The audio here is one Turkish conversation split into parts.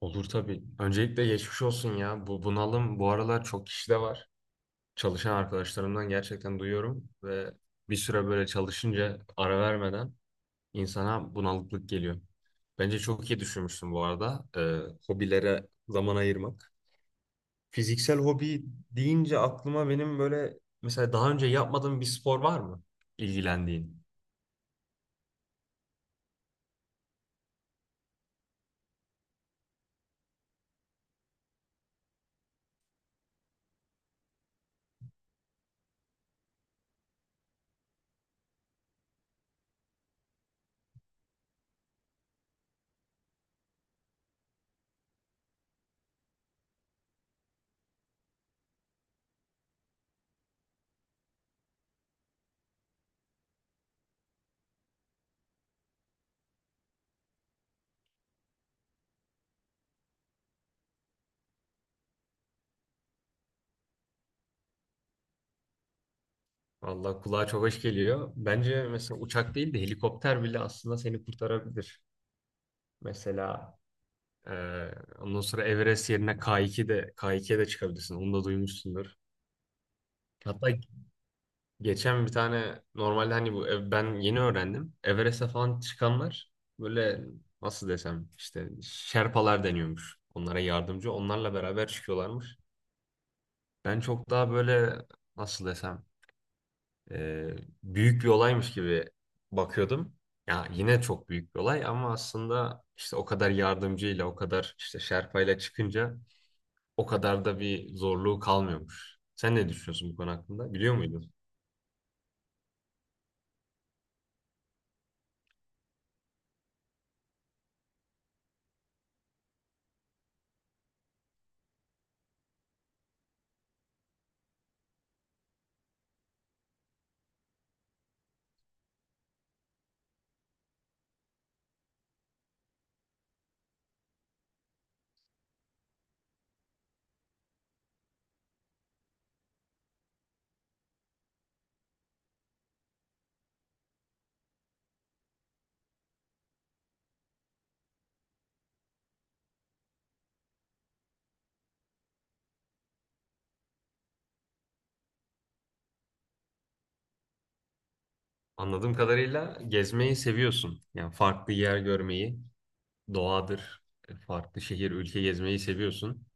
Olur tabii. Öncelikle geçmiş olsun ya. Bu bunalım bu aralar çok kişide var. Çalışan arkadaşlarımdan gerçekten duyuyorum ve bir süre böyle çalışınca ara vermeden insana bunalıklık geliyor. Bence çok iyi düşünmüşsün bu arada. Hobilere zaman ayırmak. Fiziksel hobi deyince aklıma benim böyle mesela daha önce yapmadığım bir spor var mı? İlgilendiğin. Vallahi kulağa çok hoş geliyor. Bence mesela uçak değil de helikopter bile aslında seni kurtarabilir. Mesela Ee, ondan sonra Everest yerine K2'ye de çıkabilirsin. Onu da duymuşsundur. Hatta geçen bir tane normalde hani ben yeni öğrendim. Everest'e falan çıkanlar böyle nasıl desem işte Şerpalar deniyormuş. Onlara yardımcı. Onlarla beraber çıkıyorlarmış. Ben çok daha böyle nasıl desem e, büyük bir olaymış gibi bakıyordum. Ya yine çok büyük bir olay ama aslında işte o kadar yardımcıyla o kadar işte Şerpayla çıkınca o kadar da bir zorluğu kalmıyormuş. Sen ne düşünüyorsun bu konu hakkında? Biliyor muydun? Anladığım kadarıyla gezmeyi seviyorsun. Yani farklı yer görmeyi, doğadır, farklı şehir, ülke gezmeyi seviyorsun.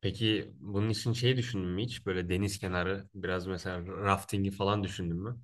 Peki bunun için şey düşündün mü hiç? Böyle deniz kenarı, biraz mesela raftingi falan düşündün mü?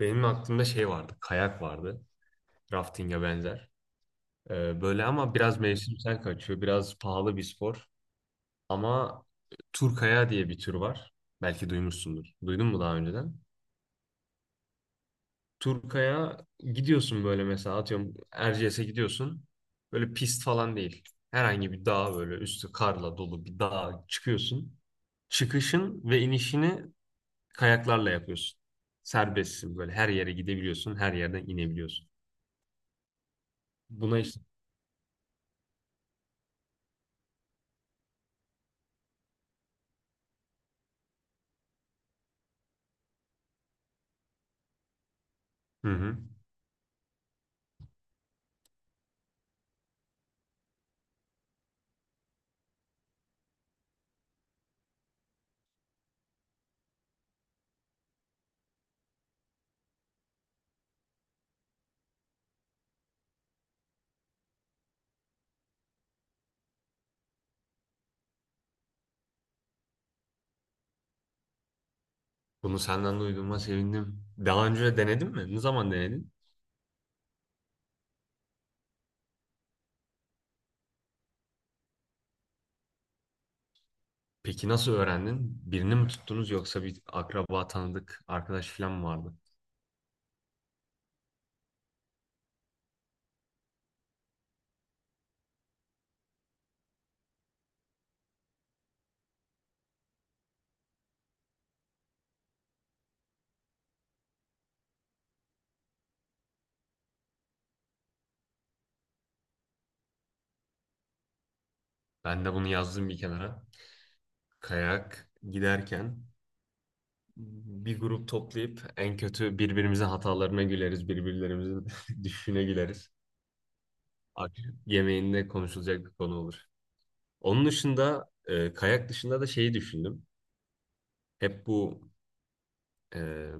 Benim aklımda şey vardı, kayak vardı. Raftinge benzer. Böyle ama biraz mevsimsel kaçıyor, biraz pahalı bir spor. Ama Turkaya diye bir tür var. Belki duymuşsundur. Duydun mu daha önceden? Turkaya gidiyorsun böyle mesela atıyorum Erciyes'e gidiyorsun. Böyle pist falan değil. Herhangi bir dağ böyle üstü karla dolu bir dağa çıkıyorsun. Çıkışın ve inişini kayaklarla yapıyorsun. Serbestsin böyle her yere gidebiliyorsun, her yerden inebiliyorsun. Buna işte. Hı hı. Bunu senden duyduğuma sevindim. Daha önce denedin mi? Ne zaman denedin? Peki nasıl öğrendin? Birini mi tuttunuz yoksa bir akraba, tanıdık, arkadaş falan mı vardı? Ben de bunu yazdım bir kenara. Kayak giderken bir grup toplayıp en kötü birbirimize hatalarına güleriz, birbirlerimizin düşüşüne güleriz. Akşam yemeğinde konuşulacak bir konu olur. Onun dışında kayak dışında da şeyi düşündüm. Hep bu e,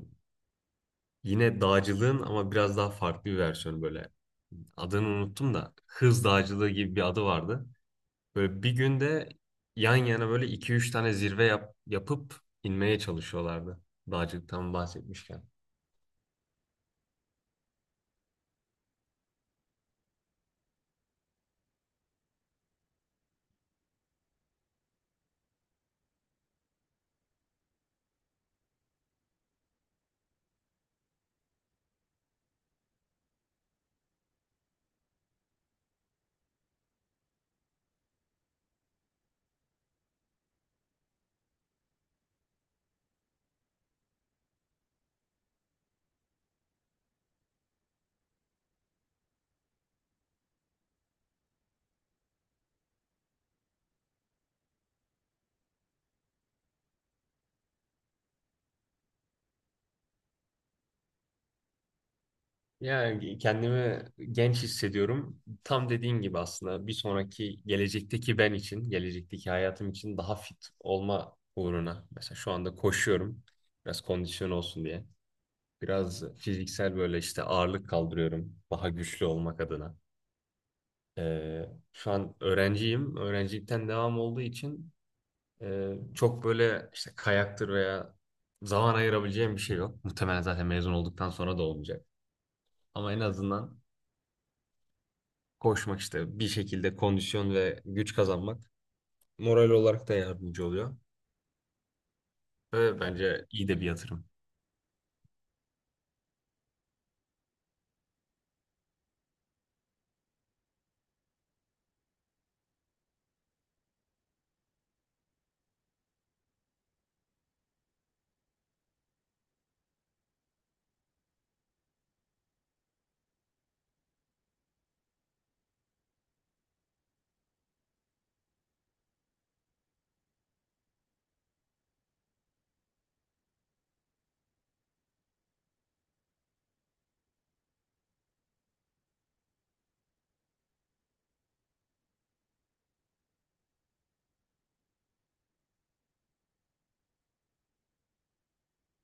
yine dağcılığın ama biraz daha farklı bir versiyonu böyle. Adını unuttum da hız dağcılığı gibi bir adı vardı. Böyle bir günde yan yana böyle iki üç tane zirve yap, yapıp inmeye çalışıyorlardı. Dağcılıktan bahsetmişken. Ya kendimi genç hissediyorum. Tam dediğin gibi aslında bir sonraki gelecekteki ben için, gelecekteki hayatım için daha fit olma uğruna. Mesela şu anda koşuyorum. Biraz kondisyon olsun diye. Biraz fiziksel böyle işte ağırlık kaldırıyorum. Daha güçlü olmak adına. Ee, Şu an öğrenciyim. Öğrencilikten devam olduğu için, çok böyle işte kayaktır veya zaman ayırabileceğim bir şey yok. Muhtemelen zaten mezun olduktan sonra da olmayacak. Ama en azından koşmak işte bir şekilde kondisyon ve güç kazanmak moral olarak da yardımcı oluyor. Ve bence iyi de bir yatırım.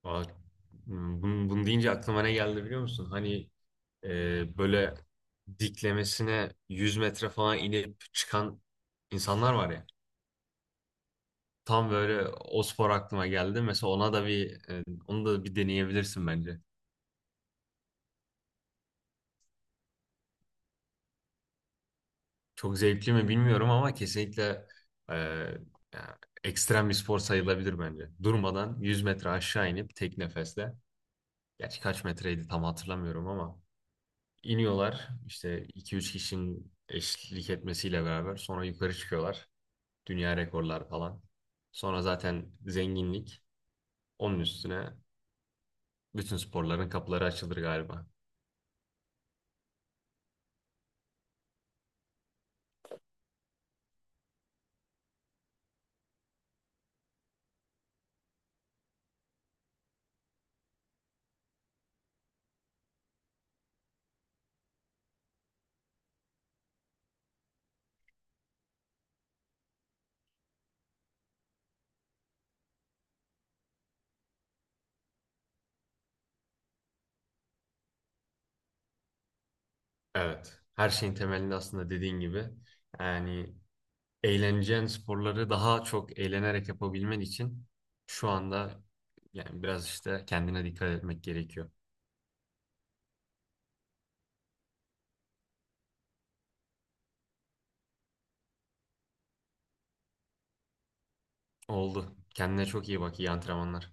Aa, hmm, bunu deyince aklıma ne geldi biliyor musun? Hani böyle diklemesine 100 metre falan inip çıkan insanlar var ya. Tam böyle o spor aklıma geldi. Mesela ona da onu da bir deneyebilirsin bence. Çok zevkli mi bilmiyorum ama kesinlikle e, ya, ekstrem bir spor sayılabilir bence. Durmadan 100 metre aşağı inip tek nefesle, gerçi kaç metreydi tam hatırlamıyorum ama iniyorlar işte 2-3 kişinin eşlik etmesiyle beraber sonra yukarı çıkıyorlar. Dünya rekorlar falan. Sonra zaten zenginlik. Onun üstüne bütün sporların kapıları açılır galiba. Evet. Her şeyin temelinde aslında dediğin gibi yani eğleneceğin sporları daha çok eğlenerek yapabilmen için şu anda yani biraz işte kendine dikkat etmek gerekiyor. Oldu. Kendine çok iyi bak. İyi antrenmanlar.